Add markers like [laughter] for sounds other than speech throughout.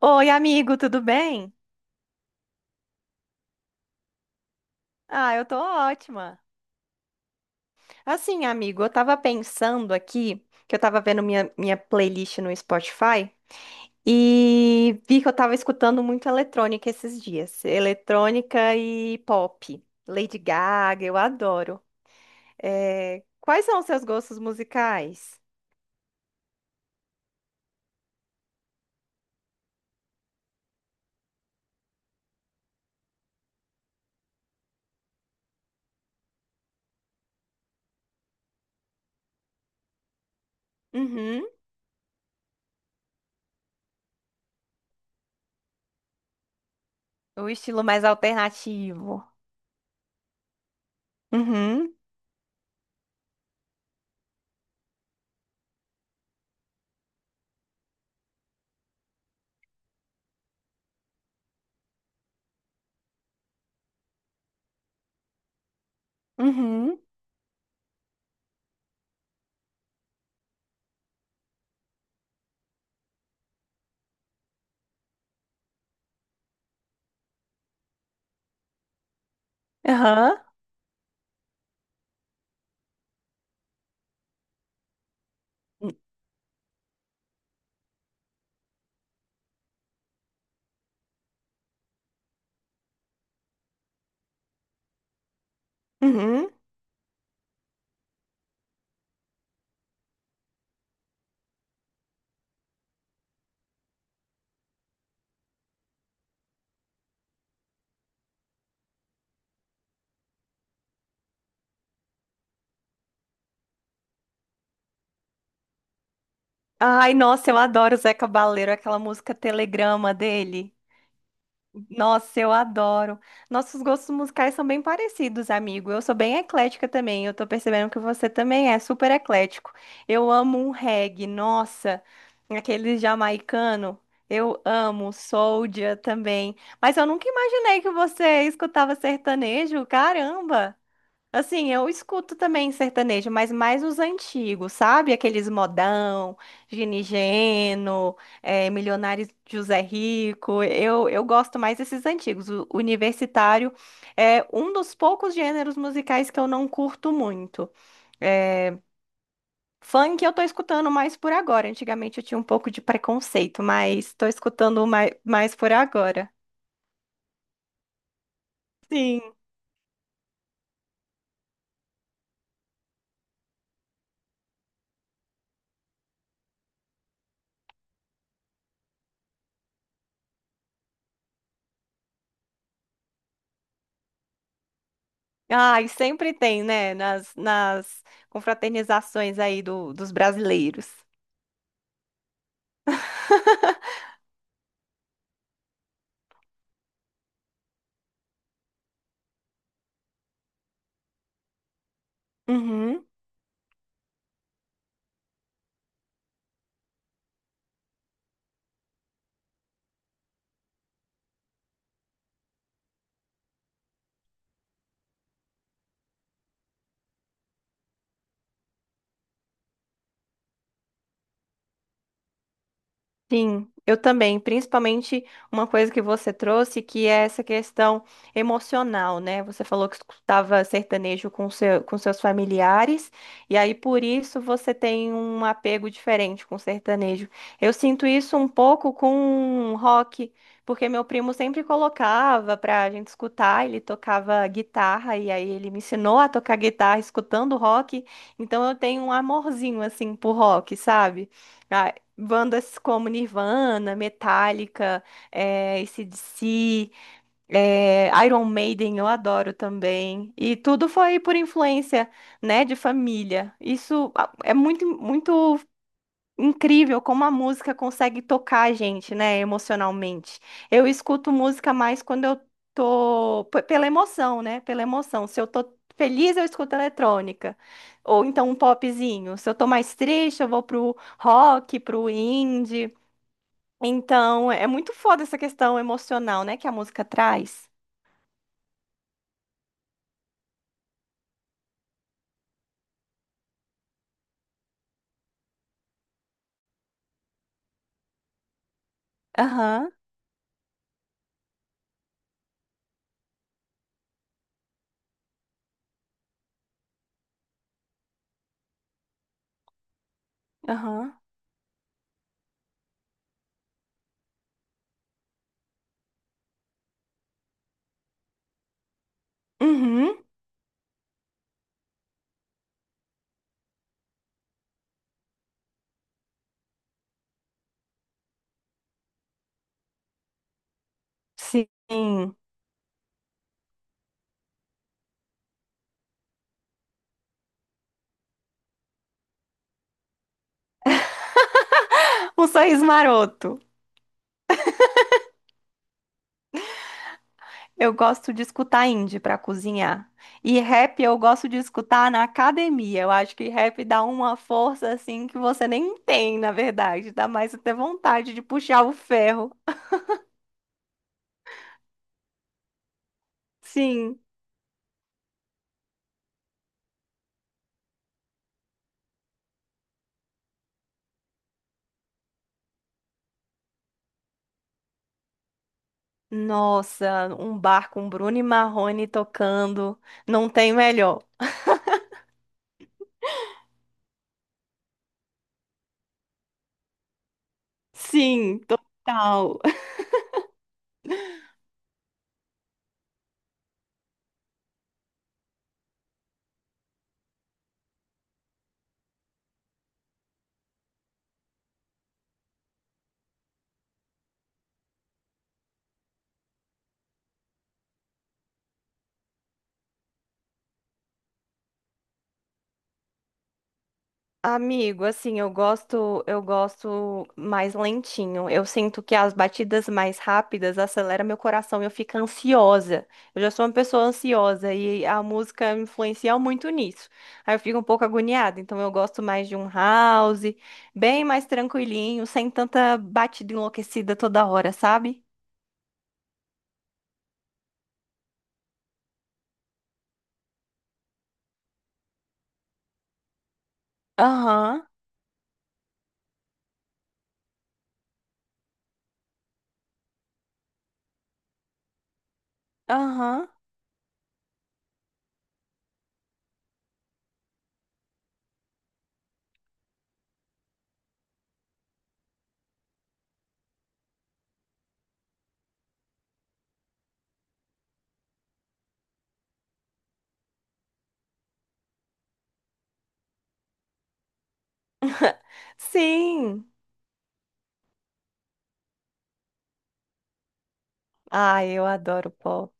Oi, amigo, tudo bem? Ah, eu tô ótima. Assim, amigo, eu tava pensando aqui, que eu tava vendo minha playlist no Spotify e vi que eu tava escutando muito eletrônica esses dias. Eletrônica e pop. Lady Gaga, eu adoro. É, quais são os seus gostos musicais? Uhum. O estilo mais alternativo. Uhum. Uhum. Aham. Uhum. Ai, nossa, eu adoro o Zeca Baleiro, aquela música Telegrama dele. Nossa, eu adoro. Nossos gostos musicais são bem parecidos, amigo. Eu sou bem eclética também. Eu tô percebendo que você também é super eclético. Eu amo um reggae, nossa, aquele jamaicano. Eu amo Soulja também. Mas eu nunca imaginei que você escutava sertanejo. Caramba! Assim, eu escuto também sertanejo, mas mais os antigos, sabe? Aqueles modão, Gini Geno, Milionário José Rico. Eu gosto mais desses antigos. O universitário é um dos poucos gêneros musicais que eu não curto muito. Eh, funk eu tô escutando mais por agora. Antigamente eu tinha um pouco de preconceito, mas tô escutando mais por agora. Sim. Ai, sempre tem, né? Nas confraternizações aí dos brasileiros. Uhum. Sim, eu também, principalmente uma coisa que você trouxe, que é essa questão emocional, né? Você falou que escutava sertanejo com seus familiares, e aí por isso você tem um apego diferente com sertanejo. Eu sinto isso um pouco com rock, porque meu primo sempre colocava pra gente escutar, ele tocava guitarra, e aí ele me ensinou a tocar guitarra escutando rock, então eu tenho um amorzinho assim por rock, sabe? Ah, bandas como Nirvana, Metallica, é, AC/DC, Iron Maiden, eu adoro também. E tudo foi por influência, né, de família. Isso ah, é muito, muito incrível como a música consegue tocar a gente, né, emocionalmente. Eu escuto música mais quando eu pela emoção, né, pela emoção. Se eu tô feliz, eu escuto eletrônica. Ou então um popzinho. Se eu tô mais triste, eu vou pro rock, pro indie. Então, é muito foda essa questão emocional, né, que a música traz. Aham, aham. Uhum, sim. Um sorriso maroto. Eu gosto de escutar indie pra cozinhar. E rap eu gosto de escutar na academia. Eu acho que rap dá uma força assim que você nem tem, na verdade. Dá mais até vontade de puxar o ferro. Sim. Nossa, um bar com Bruno e Marrone tocando. Não tem melhor. Sim, total. Amigo, assim, eu gosto mais lentinho. Eu sinto que as batidas mais rápidas aceleram meu coração e eu fico ansiosa. Eu já sou uma pessoa ansiosa e a música influencia muito nisso. Aí eu fico um pouco agoniada, então eu gosto mais de um house, bem mais tranquilinho, sem tanta batida enlouquecida toda hora, sabe? Aham, aham. Sim. Ai, eu adoro pop.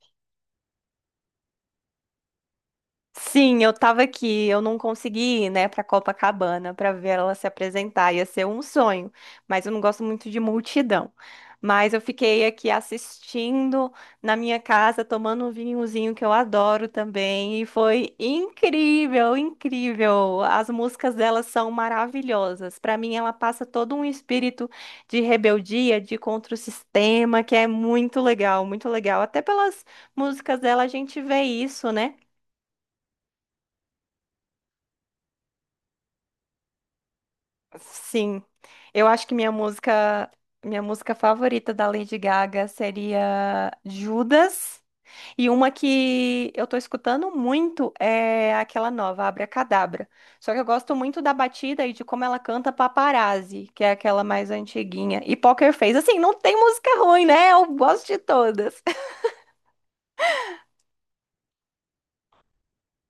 Sim, eu tava aqui, eu não consegui ir, né, pra Copacabana pra ver ela se apresentar, ia ser um sonho, mas eu não gosto muito de multidão. Mas eu fiquei aqui assistindo na minha casa, tomando um vinhozinho que eu adoro também, e foi incrível, incrível. As músicas dela são maravilhosas. Pra mim, ela passa todo um espírito de rebeldia, de contra o sistema, que é muito legal, muito legal. Até pelas músicas dela a gente vê isso, né? Sim, eu acho que minha música favorita da Lady Gaga seria Judas. E uma que eu tô escutando muito é aquela nova, Abracadabra. Só que eu gosto muito da batida e de como ela canta Paparazzi, que é aquela mais antiguinha. E Poker Face, assim, não tem música ruim, né? Eu gosto de todas. [laughs]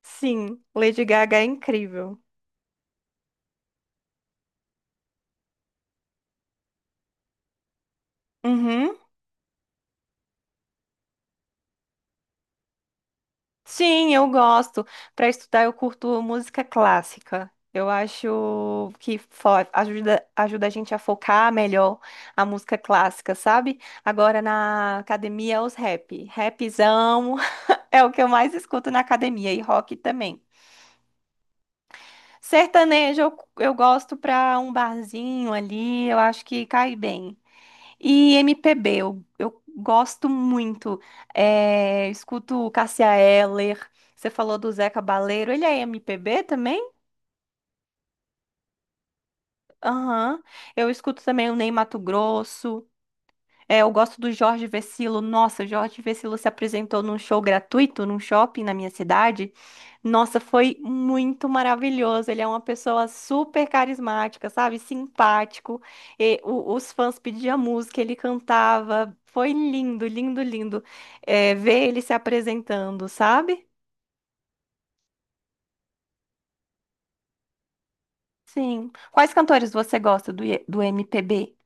Sim, Lady Gaga é incrível. Uhum. Sim, eu gosto. Para estudar, eu curto música clássica. Eu acho que ajuda a gente a focar melhor a música clássica, sabe? Agora na academia, é os rap. Rapzão [laughs] é o que eu mais escuto na academia e rock também. Sertanejo eu gosto pra um barzinho ali, eu acho que cai bem. E MPB, eu gosto muito. É, escuto Cássia Eller. Você falou do Zeca Baleiro. Ele é MPB também? Aham. Eu escuto também o Ney Matogrosso. É, eu gosto do Jorge Vercillo. Nossa, Jorge Vercillo se apresentou num show gratuito, num shopping na minha cidade. Nossa, foi muito maravilhoso. Ele é uma pessoa super carismática, sabe? Simpático. Os fãs pediam música, ele cantava. Foi lindo, lindo, lindo, é, ver ele se apresentando, sabe? Sim. Quais cantores você gosta do MPB?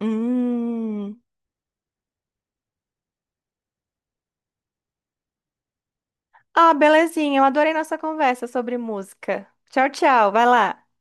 Hum. Ah, belezinha. Eu adorei nossa conversa sobre música. Tchau, tchau. Vai lá.